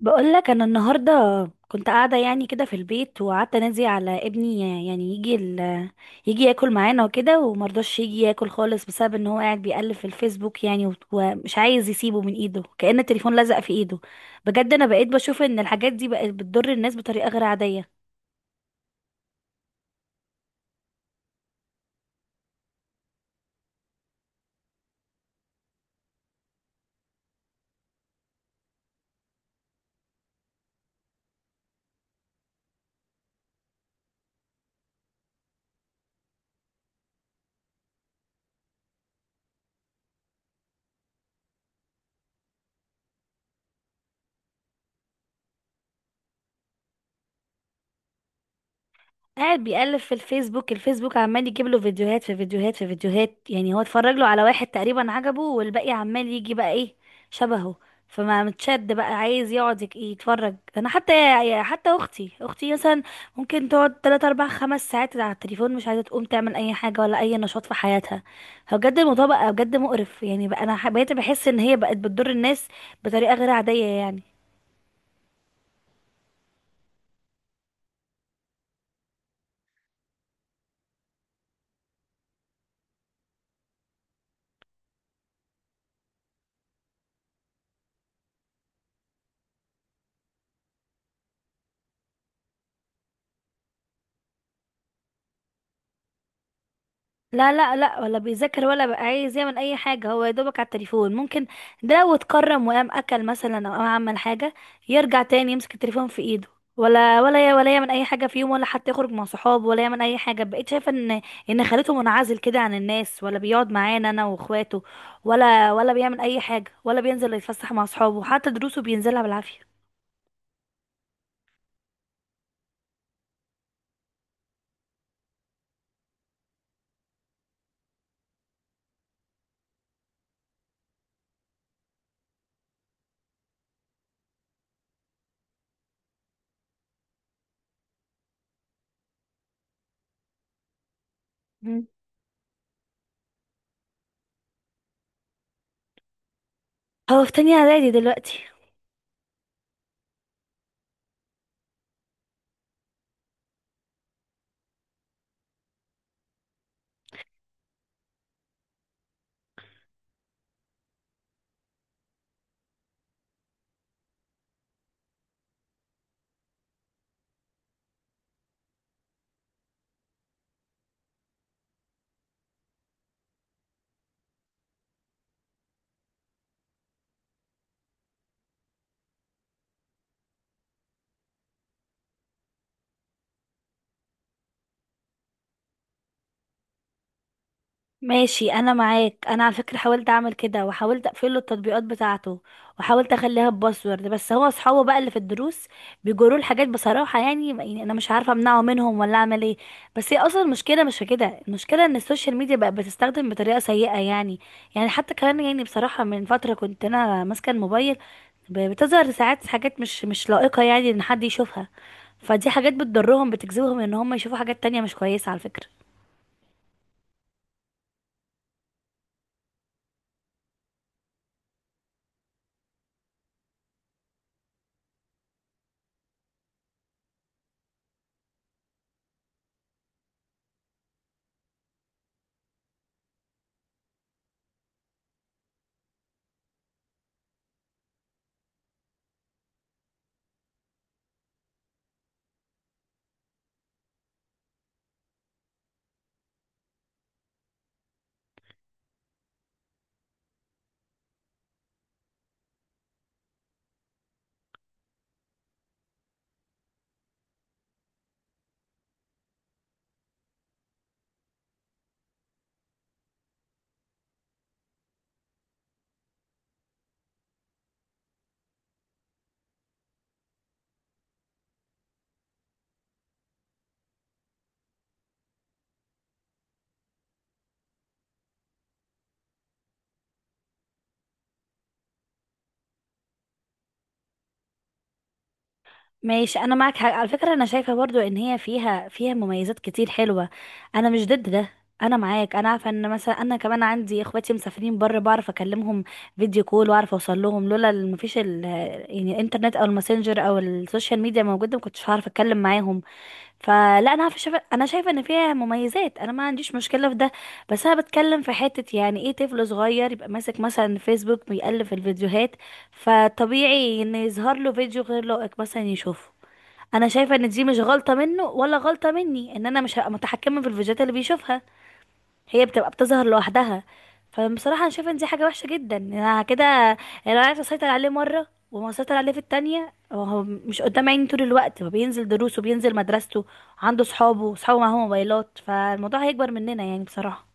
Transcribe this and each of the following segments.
بقولك انا النهارده كنت قاعده يعني كده في البيت، وقعدت انادي على ابني يعني يجي ال... يجي ياكل معانا وكده، ومرضاش يجي ياكل خالص بسبب ان هو قاعد بيقلب في الفيسبوك، ومش عايز يسيبه من ايده، كأن التليفون لزق في ايده. بجد انا بقيت بشوف ان الحاجات دي بقت بتضر الناس بطريقه غير عاديه. قاعد بيقلب في الفيسبوك. الفيسبوك عمال يجيب له فيديوهات في فيديوهات في فيديوهات، يعني هو اتفرج له على واحد تقريبا عجبه، والباقي عمال يجي بقى ايه شبهه. فما متشد بقى عايز يقعد يتفرج. انا حتى اختي مثلا ممكن تقعد 3 4 5 ساعات على التليفون، مش عايزه تقوم تعمل اي حاجه ولا اي نشاط في حياتها. هو بجد الموضوع بقى بجد مقرف، يعني بقى انا بقيت بحس ان هي بقت بتضر الناس بطريقه غير عاديه يعني. لا، لا، لا، ولا بيذاكر ولا بقى عايز يعمل اي حاجه، هو يا دوبك على التليفون، ممكن ده لو اتكرم وقام اكل مثلا او قام عمل حاجه يرجع تاني يمسك التليفون في ايده، ولا يعمل اي حاجه في يوم، ولا حتى يخرج مع صحابه ولا يعمل اي حاجه. بقيت شايفه ان خليته منعزل كده عن الناس، ولا بيقعد معانا انا واخواته، ولا بيعمل اي حاجه، ولا بينزل يتفسح مع صحابه، حتى دروسه بينزلها بالعافيه. مم. هو في تانية اعدادي دلوقتي. ماشي انا معاك. انا على فكره حاولت اعمل كده، وحاولت اقفل له التطبيقات بتاعته، وحاولت اخليها بباسورد، بس هو اصحابه بقى اللي في الدروس بيجروا الحاجات بصراحه يعني. انا مش عارفه امنعه منهم ولا اعمل ايه. بس هي اصلا المشكله مش في كده، المشكله ان السوشيال ميديا بقى بتستخدم بطريقه سيئه يعني. يعني حتى كمان يعني بصراحه من فتره كنت انا ماسكه الموبايل، بتظهر ساعات حاجات مش لائقه يعني ان حد يشوفها. فدي حاجات بتضرهم، بتجذبهم ان هم يشوفوا حاجات تانية مش كويسه على فكره. ماشي انا معاك حاجة. على فكره انا شايفه برضو ان هي فيها مميزات كتير حلوه، انا مش ضد ده. انا معاك، انا عارفه ان مثلا انا كمان عندي اخواتي مسافرين بره، بعرف اكلمهم فيديو كول، واعرف اوصل لهم، لولا مفيش ال يعني الانترنت او الماسنجر او السوشيال ميديا موجوده، ما كنتش هعرف اتكلم معاهم. فلا، انا عارفه، شايفه، انا شايفه ان فيها مميزات، انا ما عنديش مشكله في ده. بس انا بتكلم في حته، يعني ايه طفل صغير يبقى ماسك مثلا فيسبوك بيقلب في الفيديوهات، فطبيعي ان يظهر له فيديو غير لائق مثلا يشوفه. انا شايفه ان دي مش غلطه منه ولا غلطه مني، ان انا مش هبقى متحكمه في الفيديوهات اللي بيشوفها، هي بتبقى بتظهر لوحدها. فبصراحه انا شايفه ان دي حاجه وحشه جدا، إن انا كده انا عايزه اسيطر عليه مره وما اسيطر عليه في التانية، وهو مش قدام عيني طول الوقت، هو بينزل دروسه، بينزل مدرسته، عنده صحابه معاهم موبايلات، فالموضوع هيكبر مننا يعني بصراحه.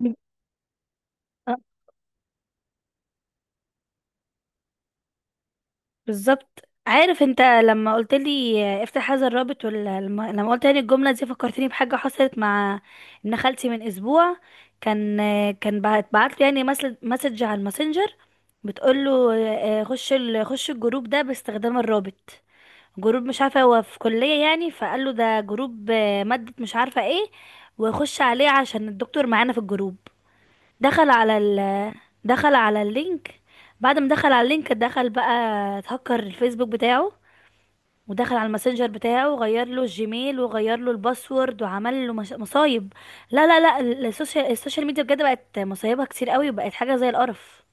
مم. بالظبط. عارف انت لما قلت لي افتح هذا الرابط، ولا لما قلت لي الجمله دي، فكرتني بحاجه حصلت مع ابن خالتي من اسبوع. كان بعت لي يعني مسج على الماسنجر، بتقول له خش الجروب ده باستخدام الرابط، جروب مش عارفه هو في كليه يعني، فقال له ده جروب ماده مش عارفه ايه، وخش عليه عشان الدكتور معانا في الجروب. دخل على ال دخل على اللينك، بعد ما دخل على اللينك دخل بقى، اتهكر الفيسبوك بتاعه، ودخل على الماسنجر بتاعه وغير له الجيميل وغير له الباسورد وعمل له مصايب. لا، لا، لا، السوشيال ميديا بجد بقت مصايبها كتير قوي وبقت حاجة زي القرف.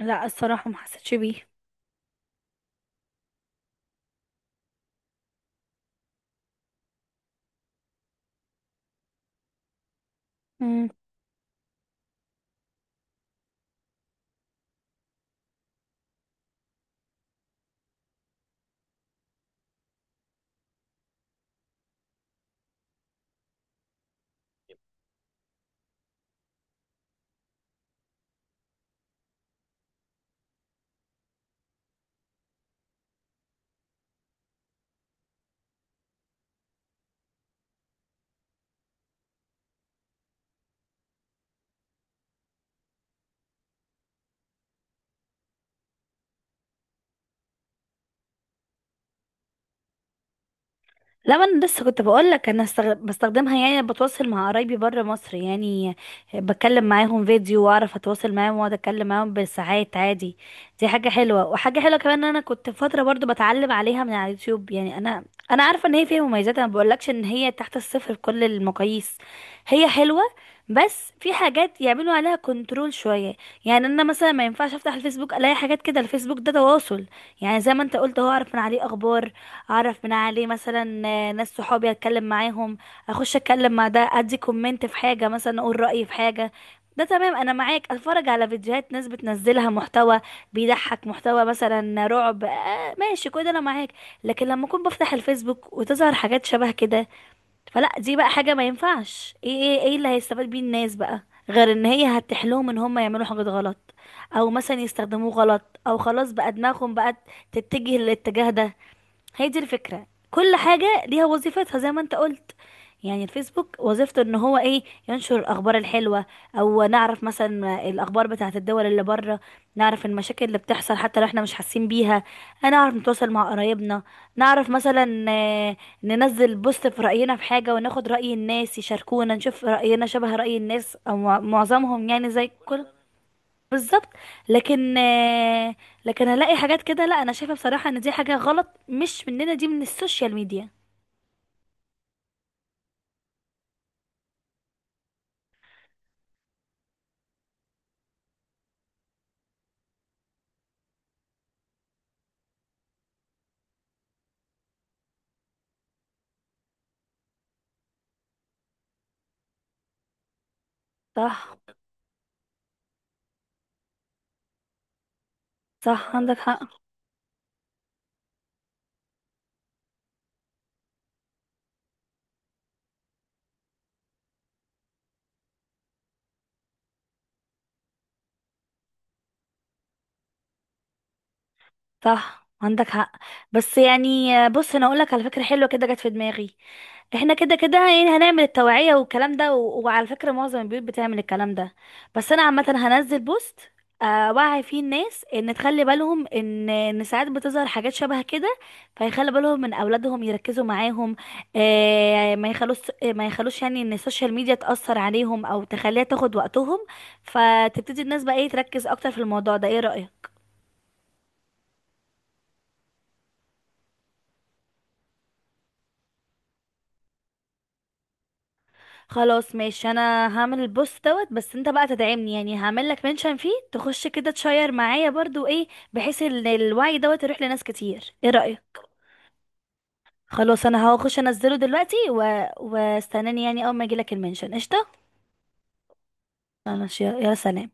لا، الصراحة ما حسيتش بيه. لا، ما انا لسه كنت بقول لك انا بستخدمها يعني، بتواصل مع قرايبي بره مصر يعني، بتكلم معاهم فيديو واعرف اتواصل معاهم واقعد اتكلم معاهم بالساعات عادي. دي حاجه حلوه، وحاجه حلوه كمان ان انا كنت فتره برضو بتعلم عليها من على اليوتيوب، يعني انا عارفه ان هي فيها مميزات، انا ما بقولكش ان هي تحت الصفر بكل المقاييس، هي حلوه، بس في حاجات يعملوا عليها كنترول شويه. يعني انا مثلا ما ينفعش افتح الفيسبوك الاقي حاجات كده، الفيسبوك ده تواصل، يعني زي ما انت قلت، هو اعرف من عليه اخبار، اعرف من عليه مثلا ناس صحابي اتكلم معاهم، اخش اتكلم مع ده، ادي كومنت في حاجه مثلا اقول رايي في حاجه، ده تمام انا معاك، اتفرج على فيديوهات ناس بتنزلها محتوى بيضحك، محتوى مثلا رعب، آه ماشي، كل ده انا معاك. لكن لما اكون بفتح الفيسبوك وتظهر حاجات شبه كده، فلا، دي بقى حاجه ما ينفعش. ايه ايه ايه اللي هيستفاد بيه الناس بقى، غير ان هي هتحلهم ان هم يعملوا حاجات غلط، او مثلا يستخدموه غلط، او خلاص بقى دماغهم بقت تتجه للاتجاه ده. هي دي الفكرة. كل حاجة ليها وظيفتها زي ما انت قلت، يعني الفيسبوك وظيفته ان هو ايه، ينشر الاخبار الحلوة، او نعرف مثلا الاخبار بتاعت الدول اللي بره، نعرف المشاكل اللي بتحصل حتى لو احنا مش حاسين بيها، نعرف نتواصل مع قرايبنا، نعرف مثلا ننزل بوست في رأينا في حاجة وناخد رأي الناس يشاركونا، نشوف رأينا شبه رأي الناس او معظمهم يعني زي كل. بالظبط. لكن آه، لكن الاقي حاجات كده، لا، انا شايفه بصراحه ان دي حاجه غلط مش مننا، دي من السوشيال ميديا. صح. صح، عندك حق. صح، عندك حق. بس يعني بص، انا اقولك على فكره حلوه كده جت في دماغي، احنا كده كده يعني هنعمل التوعية والكلام ده وعلى فكرة معظم البيوت بتعمل الكلام ده، بس انا عامة هنزل بوست وعي فيه الناس ان تخلي بالهم ان ساعات بتظهر حاجات شبه كده، فيخلي بالهم من اولادهم يركزوا معاهم، آه، ما يخلوش ما يخلوش يعني ان السوشيال ميديا تأثر عليهم او تخليها تاخد وقتهم، فتبتدي الناس بقى ايه تركز اكتر في الموضوع ده. ايه رأيك؟ خلاص ماشي. انا هعمل البوست دوت، بس انت بقى تدعمني يعني، هعمل لك منشن فيه تخش كده تشير معايا برضو ايه، بحيث ان الوعي دوت يروح لناس كتير. ايه رأيك؟ خلاص انا هخش انزله دلوقتي واستناني يعني، اول ما يجيلك المنشن قشطه. انا يا سلام.